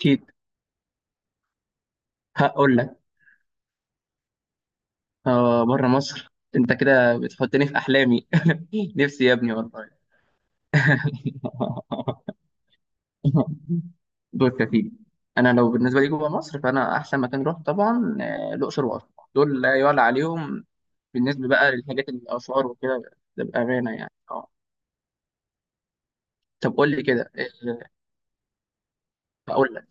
أكيد. هقول لك. بره مصر، أنت كده بتحطني في أحلامي. نفسي يا ابني والله. بص يا سيدي. أنا لو بالنسبة لي جوه مصر، فأنا أحسن مكان أروح طبعا الأقصر وأسوان. دول لا يعلى عليهم. بالنسبة بقى للحاجات الآثار وكده، ده بأمانة يعني. طب قول لي كده. هقول لك.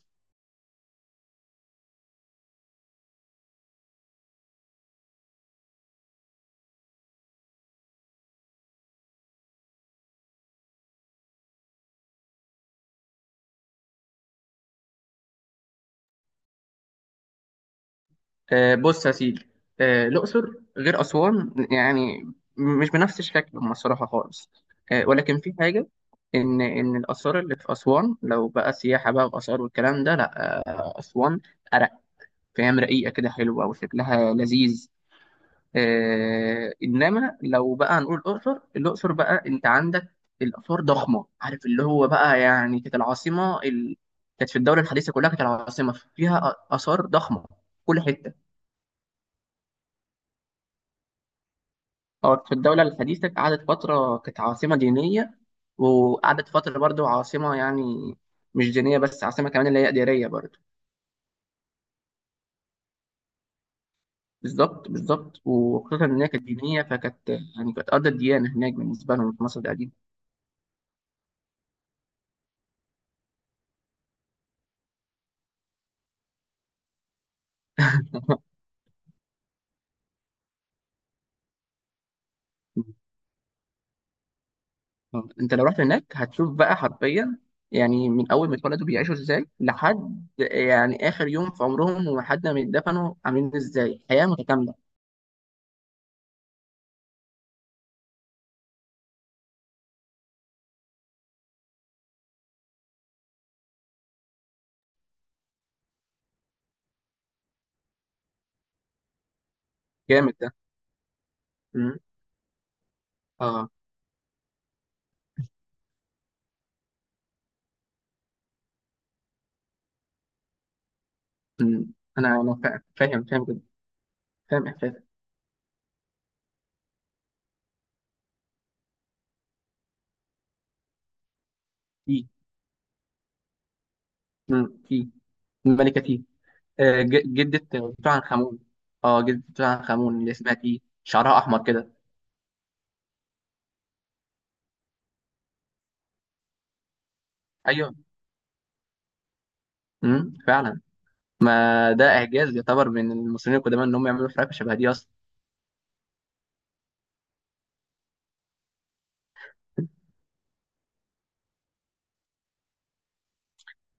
بص يا سيدي. الأقصر غير أسوان يعني مش بنفس شكلهم الصراحة خالص. ولكن في حاجة، إن الآثار اللي في أسوان لو بقى سياحة بقى وآثار والكلام ده، لأ. أسوان أرق، فاهم، رقيقة كده، حلوة وشكلها لذيذ. إنما لو بقى هنقول الأقصر، الأقصر بقى أنت عندك الآثار ضخمة، عارف اللي هو بقى، يعني كانت العاصمة كانت في الدولة الحديثة كلها، كانت العاصمة فيها آثار ضخمة في كل حتة. اه، في الدولة الحديثة قعدت فترة كانت عاصمة دينية، وقعدت فترة برضو عاصمة، يعني مش دينية بس، عاصمة كمان اللي هي إدارية برضو. بالظبط بالظبط، وخصوصا إن هي كانت دينية، فكانت يعني كانت أرض الديانة هناك بالنسبة لهم في مصر القديمة. أنت لو رحت هناك هتشوف بقى حرفيا، يعني من أول ما اتولدوا بيعيشوا إزاي، لحد يعني آخر يوم في عمرهم، ولحد ما يتدفنوا عاملين إزاي، حياة متكاملة. جامد ده. مم. اه. مم. أنا فاهم جدا. فاهم إحساسك. مم. في الملكة تي، جدة توت عنخ آمون. اه، جدة توت عنخ آمون اللي اسمها تي، شعرها أحمر كده. أيوه. مم. فعلا. ما ده إعجاز يعتبر من المصريين القدماء، إن هم يعملوا حركة شبه دي أصلا.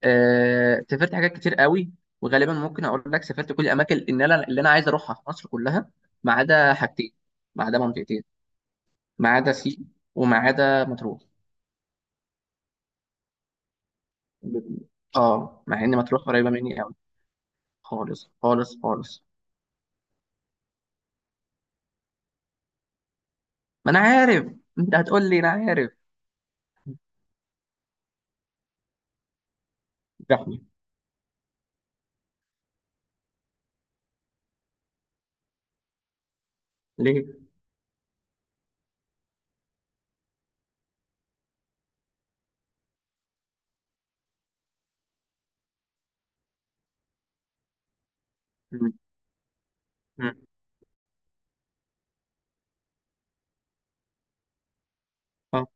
سافرت حاجات كتير قوي. وغالبا ممكن أقول لك سافرت كل الأماكن اللي أنا عايز أروحها في مصر كلها، ما عدا حاجتين. ما عدا منطقتين. ما عدا سيوة، وما عدا مطروح. اه، مع إن مطروح قريبة مني قوي. خالص خالص خالص. ما أنا عارف. أنت هتقول لي، أنا عارف. زحمة. ليه؟ مم. مم. اه.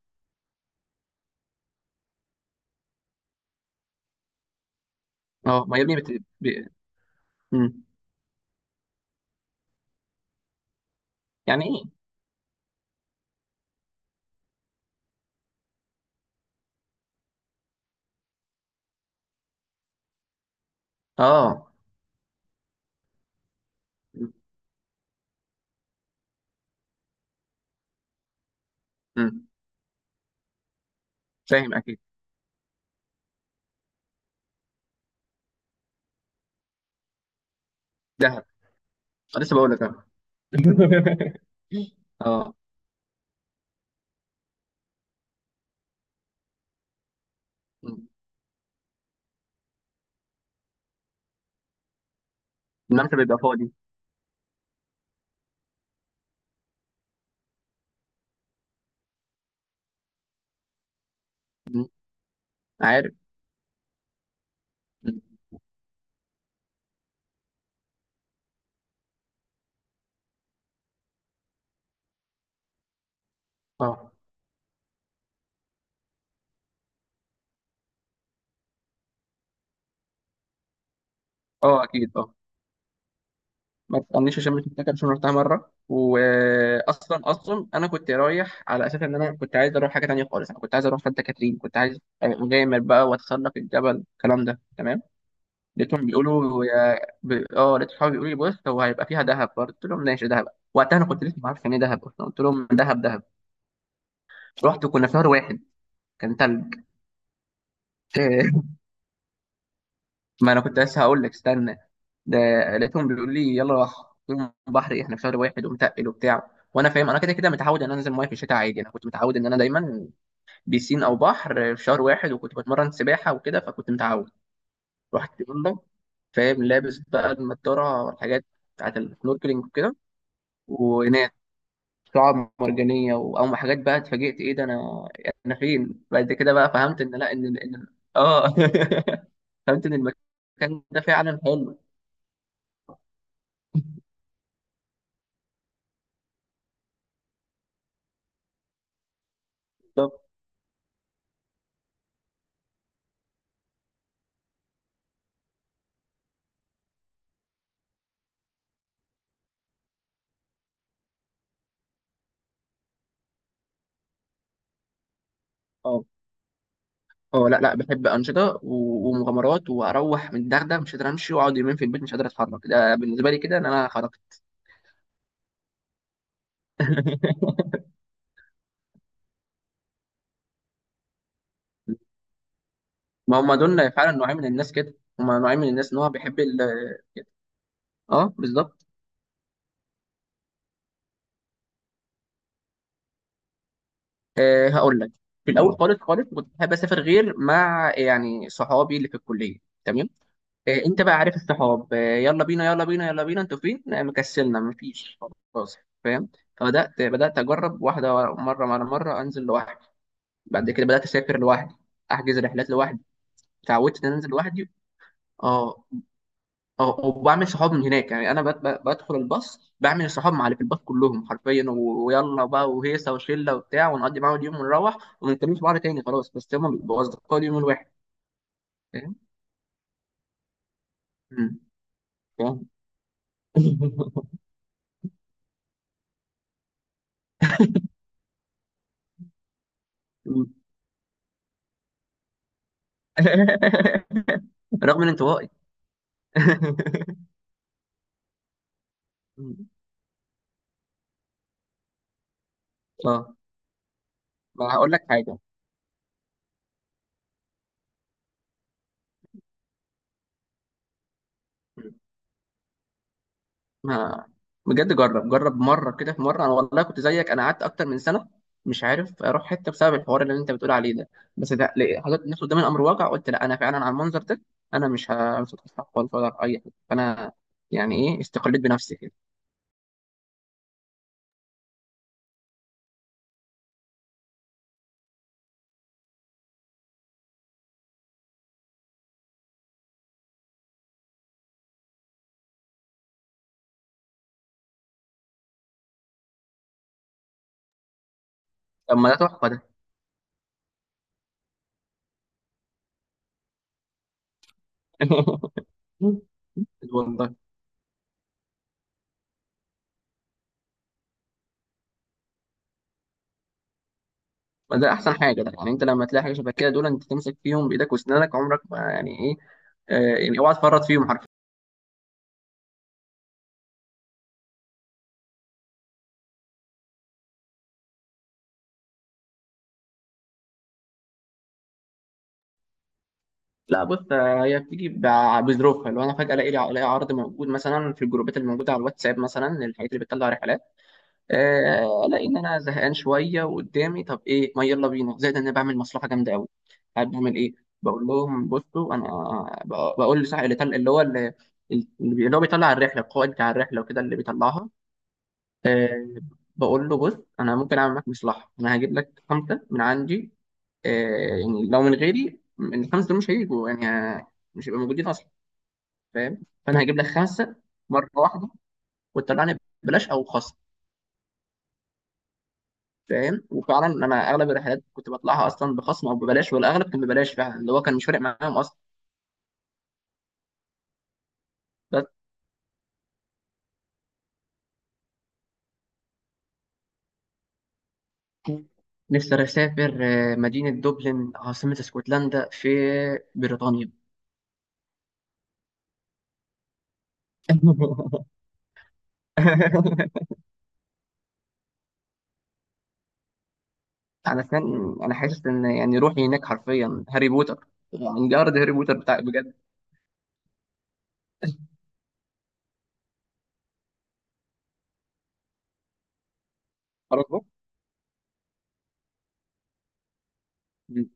اه. ما يا ابني مم. يعني ايه؟ اه. مم. مم. فاهم اكيد. دهب. أنا لسه بقول لك اه. اه. مم. الممشى بيبقى فاضي. مم. عارف. مم. اه. اه. اكيد. اه. ما تسالنيش عشان مش متذكر، عشان رحتها مره. واصلا انا كنت رايح على اساس ان انا كنت عايز اروح حاجه تانيه خالص، انا كنت عايز اروح سانتا كاترين، كنت عايز أبقى مغامر بقى واتسلق الجبل، الكلام ده تمام. لقيتهم بيقولوا يا ب... اه لقيت صحابي بيقولوا لي بص، هو هيبقى فيها دهب برضه، قلت لهم ماشي دهب. وقتها انا كنت لسه ما اعرفش يعني ايه دهب اصلا، قلت لهم دهب دهب. رحت وكنا في شهر واحد، كان تلج. ما انا كنت لسه هقول لك استنى. ده لقيتهم بيقولوا لي يلا راح. قلت لهم بحر إيه؟ احنا في شهر واحد ومتقل وبتاع، وانا فاهم، انا كده كده متعود ان انا انزل ميه في الشتاء عادي. انا كنت متعود ان انا دايما بيسين او بحر في شهر واحد، وكنت بتمرن سباحه وكده، فكنت متعود. رحت يلا. فاهم، لابس بقى النضاره والحاجات بتاعت السنوركلينج وكده، ونام. شعاب مرجانيه او حاجات بقى، اتفاجئت ايه ده، انا انا فين؟ بعد كده بقى فهمت ان لا، ان اه. فهمت ان المكان ده فعلا حلو. بالظبط. اه اه. لا لا، بحب انشطه ومغامرات، واروح من الدغدغه مش قادر امشي، واقعد يومين في البيت مش قادر اتحرك، ده بالنسبه لي كده ان انا خرجت. ما هم دول فعلا نوعين من الناس كده. هم نوعين من الناس، ان هو بيحب ال. اه، بالظبط. هقول لك. في الاول خالص خالص كنت بحب اسافر غير مع، يعني، صحابي اللي في الكليه، تمام. إيه، انت بقى عارف الصحاب، إيه، يلا بينا يلا بينا يلا بينا، انتوا فين؟ لا، مكسلنا، مفيش. خلاص. فاهم. فبدات اجرب واحده مره على مره انزل لوحدي. بعد كده بدات اسافر لوحدي، احجز رحلات لوحدي. اتعودت ان أنا انزل لوحدي. اه. اه. وبعمل صحاب من هناك، يعني انا بدخل الباص، بعمل الصحاب مع اللي في الباص كلهم حرفيا، ويلا بقى وهيصه وشله وبتاع، ونقضي معاهم اليوم ونروح، وما نتكلمش بعض تاني خلاص، بس هم بيبقوا اصدقاء اليوم الواحد. فاهم. مم، فاهم. رغم من انطوائي. اه. ما هقول لك حاجه. ما بجد، جرب جرب مره كده. في مره انا والله كنت زيك، انا قعدت اكتر من سنه مش عارف اروح حته بسبب الحوار اللي انت بتقول عليه ده. بس ده حطيت نفسي قدام الامر الواقع، قلت لا، انا فعلا على المنظر ده، انا مش هتخطى خالص ولا هروح اي حته، فانا، يعني ايه، استقلت بنفسي كده. طب ما ده تحفه ده. والله. ما ده احسن حاجه ده، يعني انت لما تلاقي حاجه شبه كده دول، انت تمسك فيهم بايدك واسنانك، عمرك ما، يعني ايه، يعني اوعى تفرط فيهم حرفيا. لا بص، هي بتيجي بظروفها، لو انا فجاه الاقي لي، الاقي عرض موجود مثلا في الجروبات اللي موجوده على الواتساب، مثلا الحاجات اللي بتطلع رحلات، الاقي ان انا زهقان شويه وقدامي، طب ايه، ما يلا بينا، زائد ان انا بعمل مصلحه جامده قوي. قاعد بعمل ايه؟ بقول لهم بصوا انا، بقول لصاحب اللي طل- اللي هو اللي اللي بي- اللي هو بيطلع الرحله، القائد بتاع الرحله وكده اللي بيطلعها، أه، بقول له بص، انا ممكن اعمل معاك مصلحه، انا هجيب لك خمسه من عندي، أه، يعني لو من غيري من الخمسه دول مش هيجوا، يعني مش هيبقوا موجودين اصلا، فاهم، فانا هجيب لك خمسه مره واحده، وتطلعني ببلاش او خصم. فاهم. وفعلا انا اغلب الرحلات كنت بطلعها اصلا بخصم او ببلاش، والاغلب كان ببلاش فعلا، اللي هو كان مش فارق معاهم اصلا. بس نفسي اسافر مدينه دوبلن، عاصمه اسكتلندا في بريطانيا. انا سنان، انا حاسس ان يعني روحي هناك حرفيا هاري بوتر، يعني مجرد هاري بوتر بتاع بجد. برضه. مم.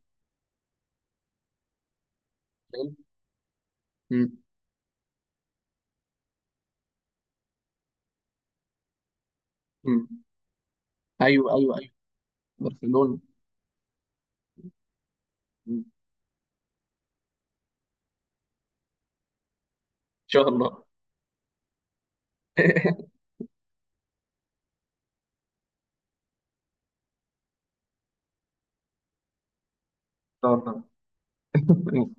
مم. مم. ايوه ايوه ايوه، برشلونه. مم. ان شاء الله. ان شاء الله.